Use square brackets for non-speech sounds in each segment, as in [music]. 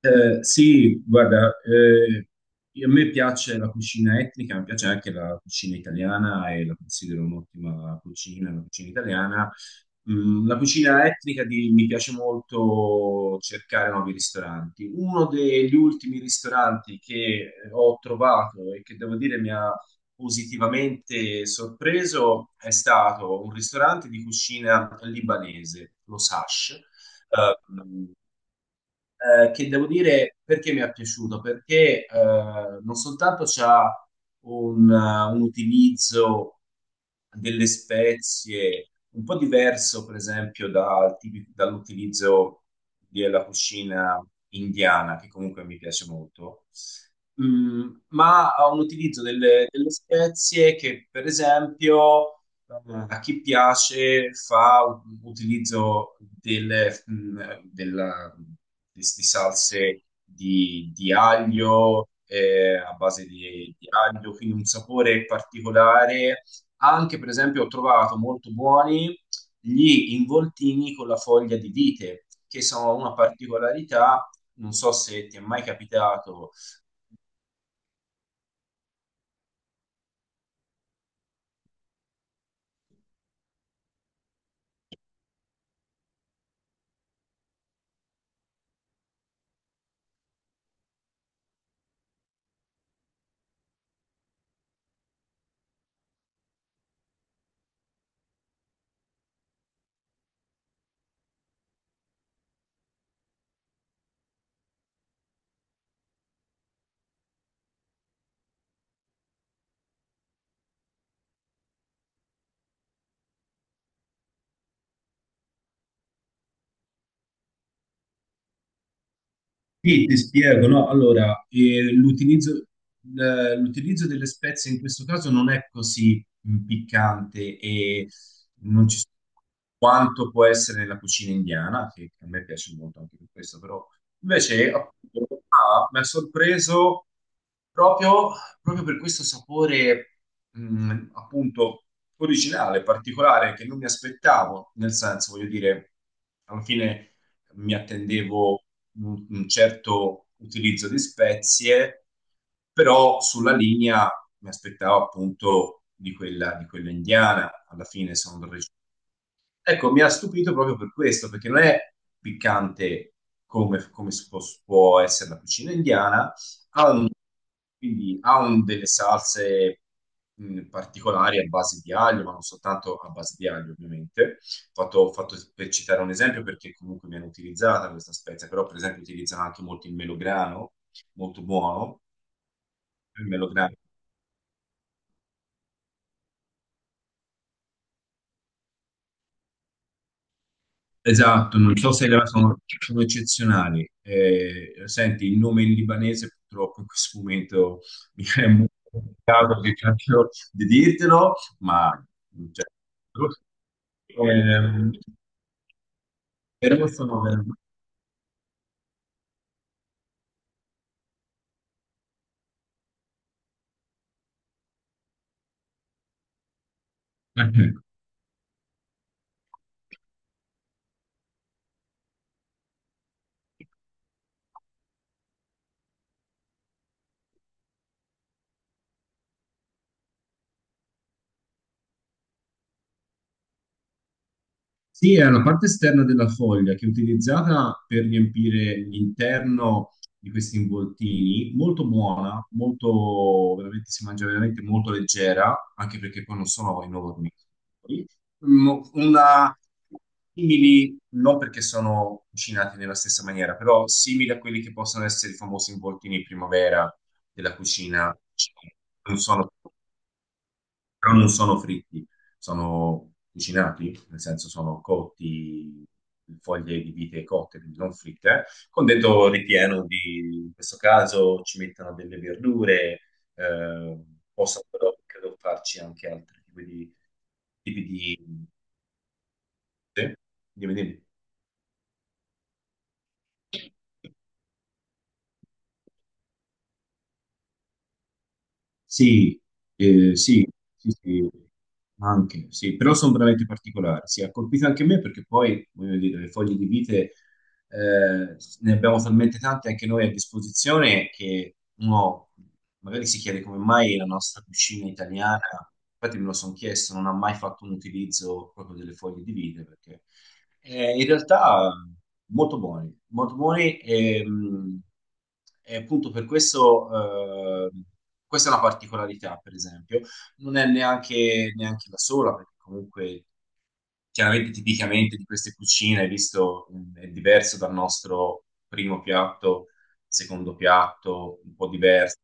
Eh sì, guarda, a me piace la cucina etnica, mi piace anche la cucina italiana e la considero un'ottima cucina, la cucina italiana. La cucina mi piace molto cercare nuovi ristoranti. Uno degli ultimi ristoranti che ho trovato e che devo dire mi ha positivamente sorpreso è stato un ristorante di cucina libanese, lo Sash, che devo dire perché mi è piaciuto, perché non soltanto c'ha un utilizzo delle spezie un po' diverso, per esempio, dall'utilizzo della cucina indiana, che comunque mi piace molto. Ma ha un utilizzo delle spezie che, per esempio, Mm. a chi piace fa un utilizzo delle di salse di aglio, a base di aglio, quindi un sapore particolare. Anche, per esempio, ho trovato molto buoni gli involtini con la foglia di vite, che sono una particolarità, non so se ti è mai capitato. Sì, ti spiego, no? Allora, l'utilizzo l'utilizzo delle spezie in questo caso non è così, piccante e non ci quanto può essere nella cucina indiana, che a me piace molto anche per questo, però invece appunto, qua mi ha sorpreso proprio, proprio per questo sapore, appunto originale, particolare, che non mi aspettavo, nel senso, voglio dire, alla fine mi attendevo un certo utilizzo di spezie, però sulla linea mi aspettavo appunto di quella indiana, alla fine sono del regione. Ecco, mi ha stupito proprio per questo, perché non è piccante come, può essere la cucina indiana, quindi delle salse, particolari a base di aglio, ma non soltanto a base di aglio, ovviamente. Fatto per citare un esempio, perché comunque viene utilizzata questa spezia, però per esempio utilizzano anche molto il melograno, molto buono. Il melograno. Esatto, non so se sono, sono eccezionali. Senti, il nome in libanese purtroppo in questo momento mi è molto complicato di dirtelo, ma cioè, ehm, però ecco. Sì, è una parte esterna della foglia che è utilizzata per riempire l'interno di questi involtini, molto buona, molto, veramente si mangia veramente molto leggera, anche perché poi non sono enormi. Una simili, non perché sono cucinati nella stessa maniera, però simili a quelli che possono essere i famosi involtini in primavera della cucina cinese. Non sono non sono fritti, sono cucinati, nel senso sono cotti, foglie di vite cotte, quindi non fritte, con dentro ripieno di, in questo caso ci mettono delle verdure, eh, posso però credo farci anche altri tipi di... Sì? Dimmi. Sì, eh, sì, sì, sì, sì, però sono veramente particolari. Sì, ha colpito anche me perché poi, voglio dire, le foglie di vite, ne abbiamo talmente tante anche noi a disposizione che uno magari si chiede come mai la nostra cucina italiana, infatti me lo sono chiesto, non ha mai fatto un utilizzo proprio delle foglie di vite perché in realtà molto buoni e appunto per questo, questa è una particolarità, per esempio, non è neanche la sola, perché comunque chiaramente tipicamente di queste cucine, visto, è diverso dal nostro primo piatto, secondo piatto, un po' diverso.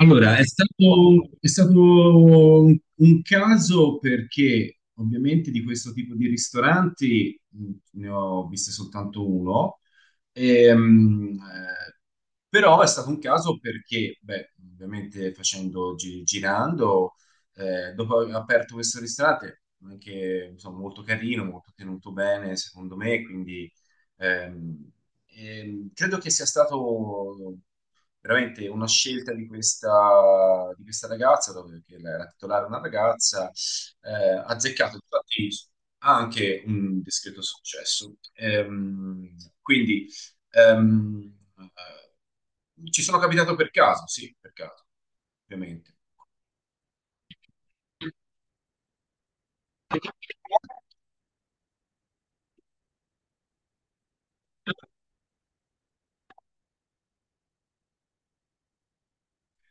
Allora, è stato un caso perché ovviamente di questo tipo di ristoranti, ne ho viste soltanto uno, ehm, eh, però è stato un caso perché, beh, ovviamente facendo, girando, dopo aver aperto questo ristorante, anche insomma, molto carino, molto tenuto bene secondo me, quindi... ehm, credo che sia stato veramente una scelta di questa ragazza, dove che la titolare è una ragazza, azzeccato infatti ha anche un discreto successo. Quindi, ehm, ci sono capitato per caso, sì, per caso, ovviamente.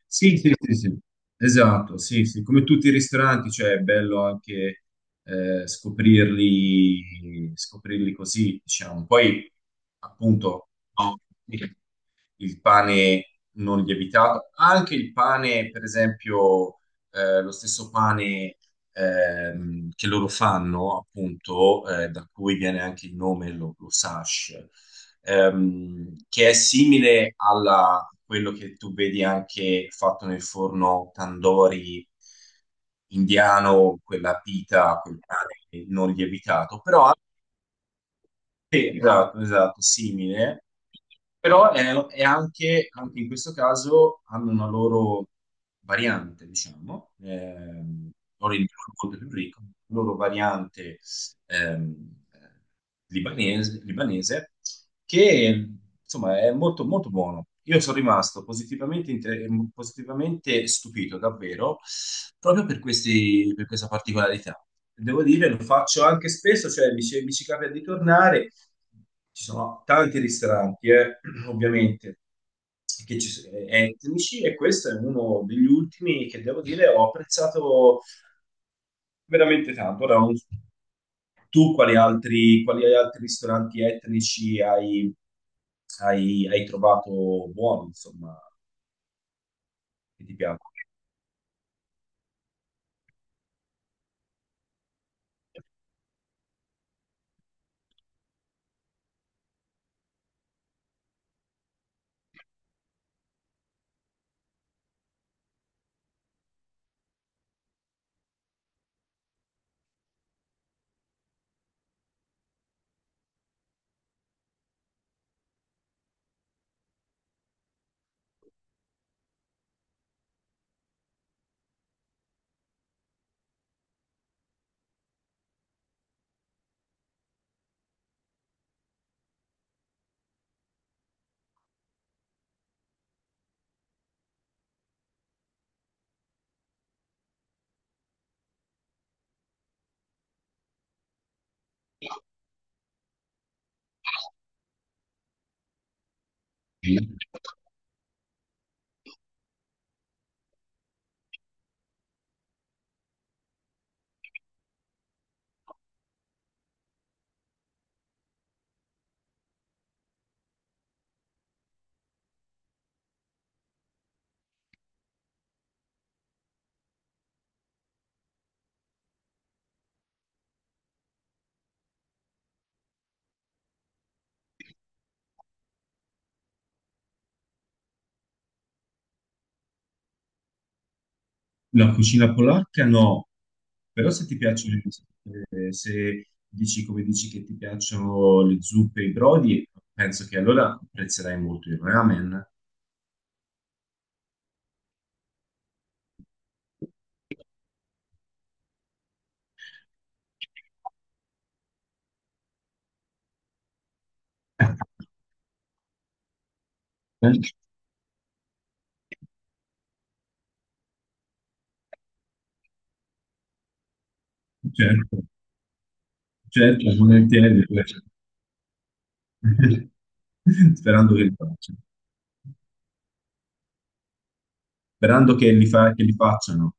Sì, sì, sì, sì, esatto, sì, sì, come tutti i ristoranti, cioè è bello anche, scoprirli, scoprirli così, diciamo. Poi, appunto, no, il pane non lievitato, anche il pane, per esempio, lo stesso pane, che loro fanno, appunto, da cui viene anche il nome, lo sash, che è simile a quello che tu vedi anche fatto nel forno tandoori indiano, quella pita, quel pane non lievitato, però sì, esatto, esatto, simile, però è anche, anche in questo caso hanno una loro variante, diciamo, loro il molto più ricco, una loro variante ehm, eh, libanese, libanese, che insomma è molto, molto buono. Io sono rimasto positivamente, positivamente stupito, davvero, proprio per per questa particolarità. Devo dire, lo faccio anche spesso, cioè mi ci capita di tornare. Ci sono tanti ristoranti, [clears throat] ovviamente, che etnici e questo è uno degli ultimi che devo dire ho apprezzato veramente tanto. Ora, tu quali altri ristoranti etnici hai, hai trovato buoni, insomma, che ti piacciono? La cucina polacca no, però se ti piacciono, se dici come dici che ti piacciono le zuppe e i brodi, penso che allora apprezzerai molto il ramen. [laughs] Certo, certo, volentieri. [laughs] Sperando che li facciano. Sperando che che li facciano.